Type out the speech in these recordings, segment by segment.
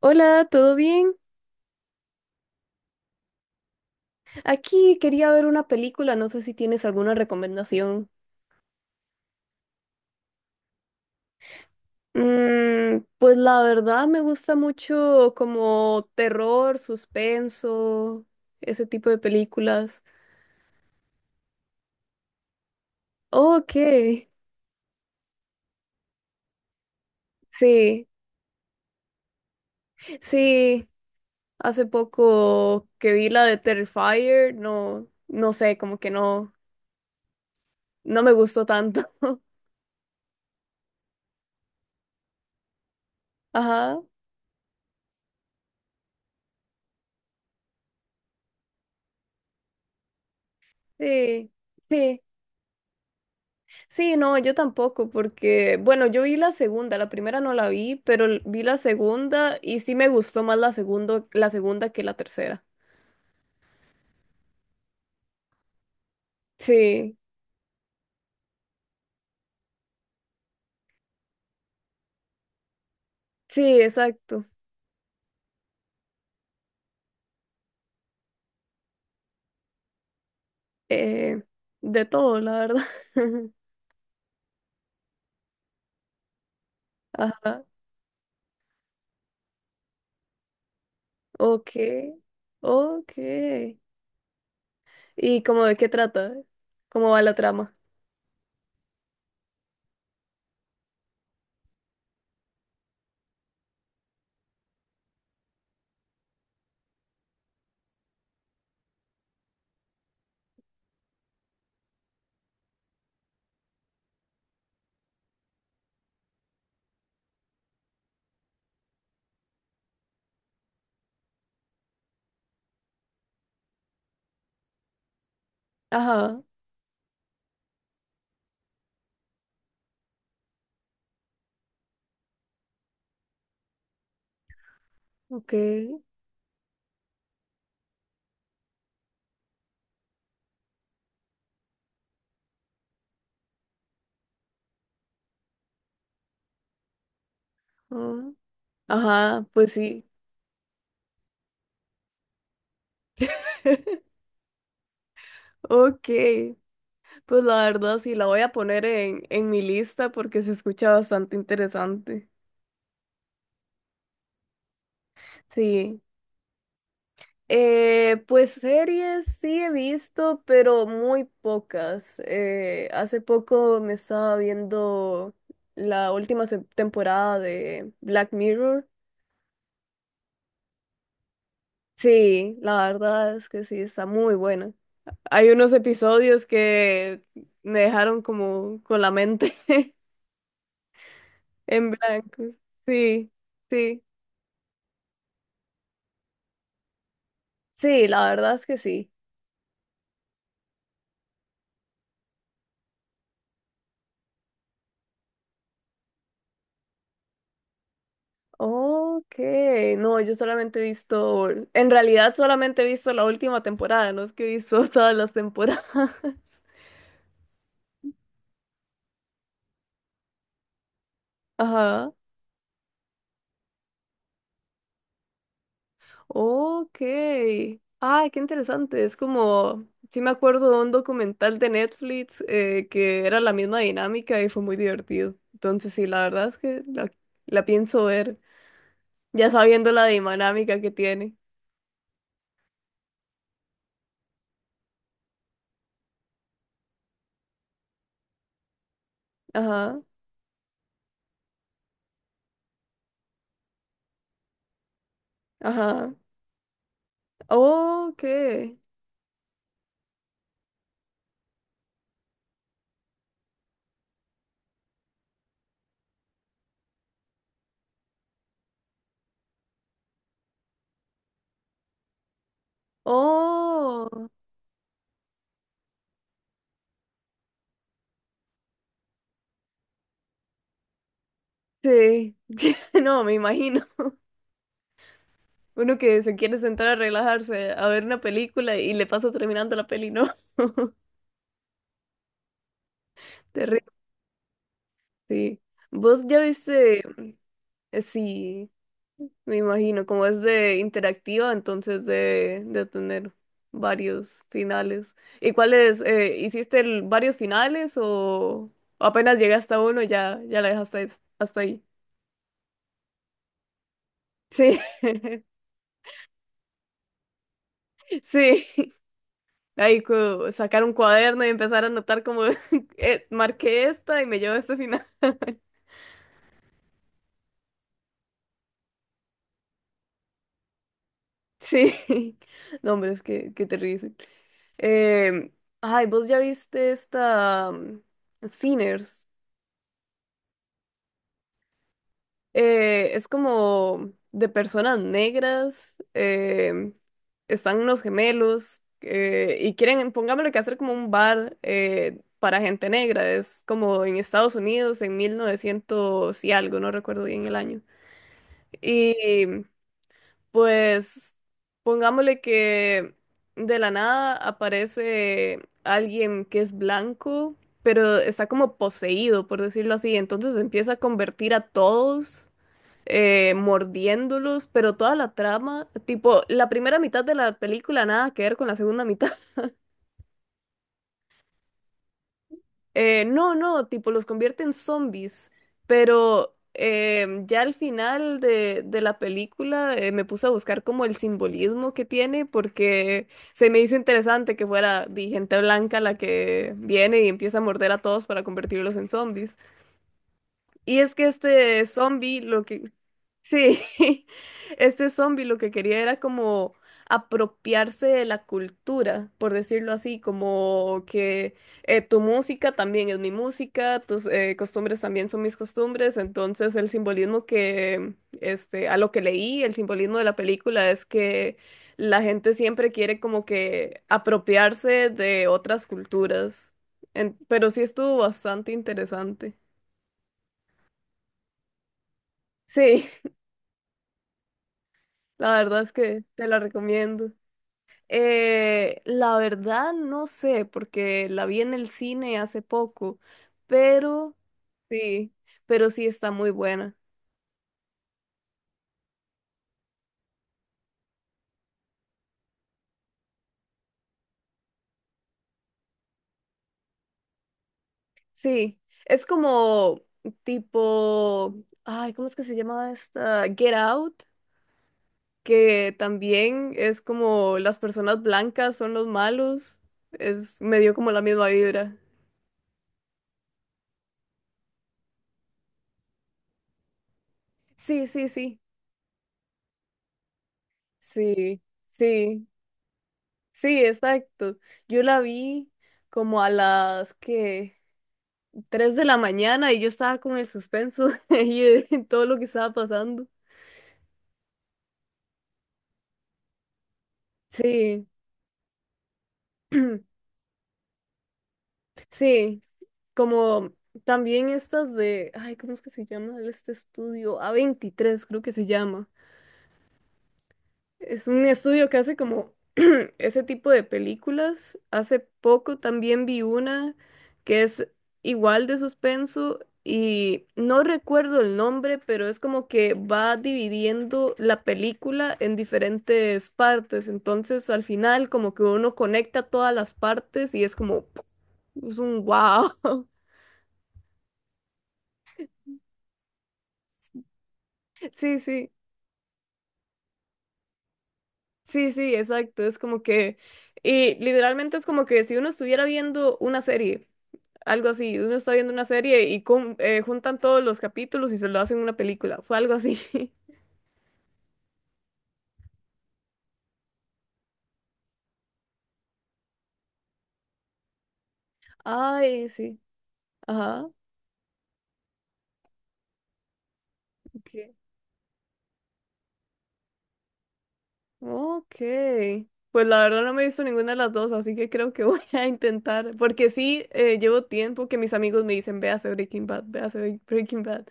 Hola, ¿todo bien? Aquí quería ver una película, no sé si tienes alguna recomendación. Pues la verdad me gusta mucho como terror, suspenso, ese tipo de películas. Ok, sí, sí, hace poco que vi la de Terrifier, no, no sé, como que no, no me gustó tanto. Ajá, sí, sí. Sí, no, yo tampoco, porque, bueno, yo vi la segunda, la primera no la vi, pero vi la segunda y sí me gustó más la segunda que la tercera. Sí, sí, exacto. Eh, de todo, la verdad. Ajá, ok, ok. ¿Y cómo de qué trata? ¿Cómo va la trama? Ajá, ok. Ah, ajá, pues sí. Ok. Pues la verdad sí, la voy a poner en mi lista porque se escucha bastante interesante. Sí. Pues series sí he visto, pero muy pocas. Hace poco me estaba viendo la última temporada de Black Mirror. Sí, la verdad es que sí, está muy buena. Hay unos episodios que me dejaron como con la mente en blanco. Sí, sí. Sí, la verdad es que sí. Ok, no, yo solamente he visto, en realidad solamente he visto la última temporada, no es que he visto todas las temporadas. Ajá, ok. Ay, qué interesante, es como, sí me acuerdo de un documental de Netflix que era la misma dinámica y fue muy divertido. Entonces sí, la verdad es que la pienso ver, ya sabiendo la dinámica que tiene. Ajá, ajá. Ok. Oh. Sí, no, me imagino. Uno que se quiere sentar a relajarse, a ver una película y le pasa terminando la peli, ¿no? Terrible, sí. ¿Vos ya viste? Sí, me imagino, como es de interactiva, entonces de tener varios finales. ¿Y cuáles? ¿Hiciste varios finales o apenas llegaste a uno y ya, ya la dejaste hasta ahí? Sí, sí. Ahí sacar un cuaderno y empezar a anotar como marqué esta y me llevo a este final. Sí, no, hombre, es que terrible. Eh, Ay, vos ya viste esta Sinners. Es como de personas negras. Están unos gemelos y quieren, pongámosle que hacer como un bar para gente negra. Es como en Estados Unidos en 1900 y algo, no recuerdo bien el año. Y pues pongámosle que de la nada aparece alguien que es blanco, pero está como poseído, por decirlo así. Entonces empieza a convertir a todos, mordiéndolos, pero toda la trama, tipo, la primera mitad de la película nada que ver con la segunda mitad. No, no, tipo los convierte en zombies, pero ya al final de la película me puse a buscar como el simbolismo que tiene porque se me hizo interesante que fuera gente blanca la que viene y empieza a morder a todos para convertirlos en zombies. Y es que este zombie lo que, sí, este zombie lo que quería era como apropiarse de la cultura, por decirlo así, como que tu música también es mi música, tus costumbres también son mis costumbres, entonces el simbolismo que, este, a lo que leí, el simbolismo de la película es que la gente siempre quiere como que apropiarse de otras culturas. En- pero sí estuvo bastante interesante. Sí, la verdad es que te la recomiendo. La verdad no sé, porque la vi en el cine hace poco, pero sí, pero sí está muy buena. Sí, es como tipo, ay, ¿cómo es que se llama esta? Get Out, que también es como las personas blancas son los malos, es me dio como la misma vibra. Sí, sí, sí, sí, sí, sí, exacto. Yo la vi como a las que... 3 de la mañana y yo estaba con el suspenso ahí de todo lo que estaba pasando. Sí, sí, como también estas de, ay, ¿cómo es que se llama este estudio? A24 creo que se llama. Es un estudio que hace como ese tipo de películas. Hace poco también vi una que es igual de suspenso y no recuerdo el nombre, pero es como que va dividiendo la película en diferentes partes. Entonces al final como que uno conecta todas las partes y es como es un wow. Sí, sí. Sí, sí, exacto. Es como que, y literalmente es como que si uno estuviera viendo una serie, algo así, uno está viendo una serie y juntan todos los capítulos y se lo hacen una película. Fue algo así. Ay, sí. Ajá. Okay. Ok. Pues la verdad no me he visto ninguna de las dos, así que creo que voy a intentar. Porque sí, llevo tiempo que mis amigos me dicen, véase Breaking Bad, véase Breaking Bad.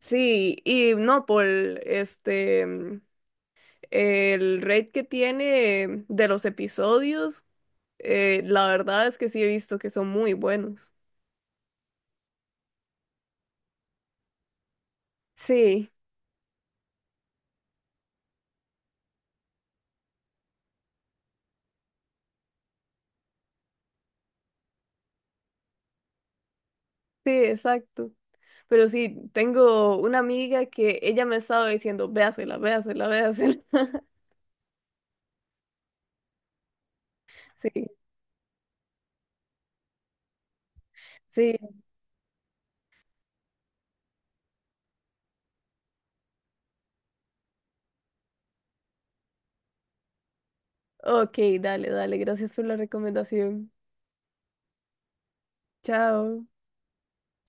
Sí, y no por este. El rate que tiene de los episodios, la verdad es que sí he visto que son muy buenos. Sí, sí, exacto. Pero sí, tengo una amiga que ella me estaba diciendo, véasela, véasela, véasela. Sí, sí. Ok, dale, dale. Gracias por la recomendación. Chao.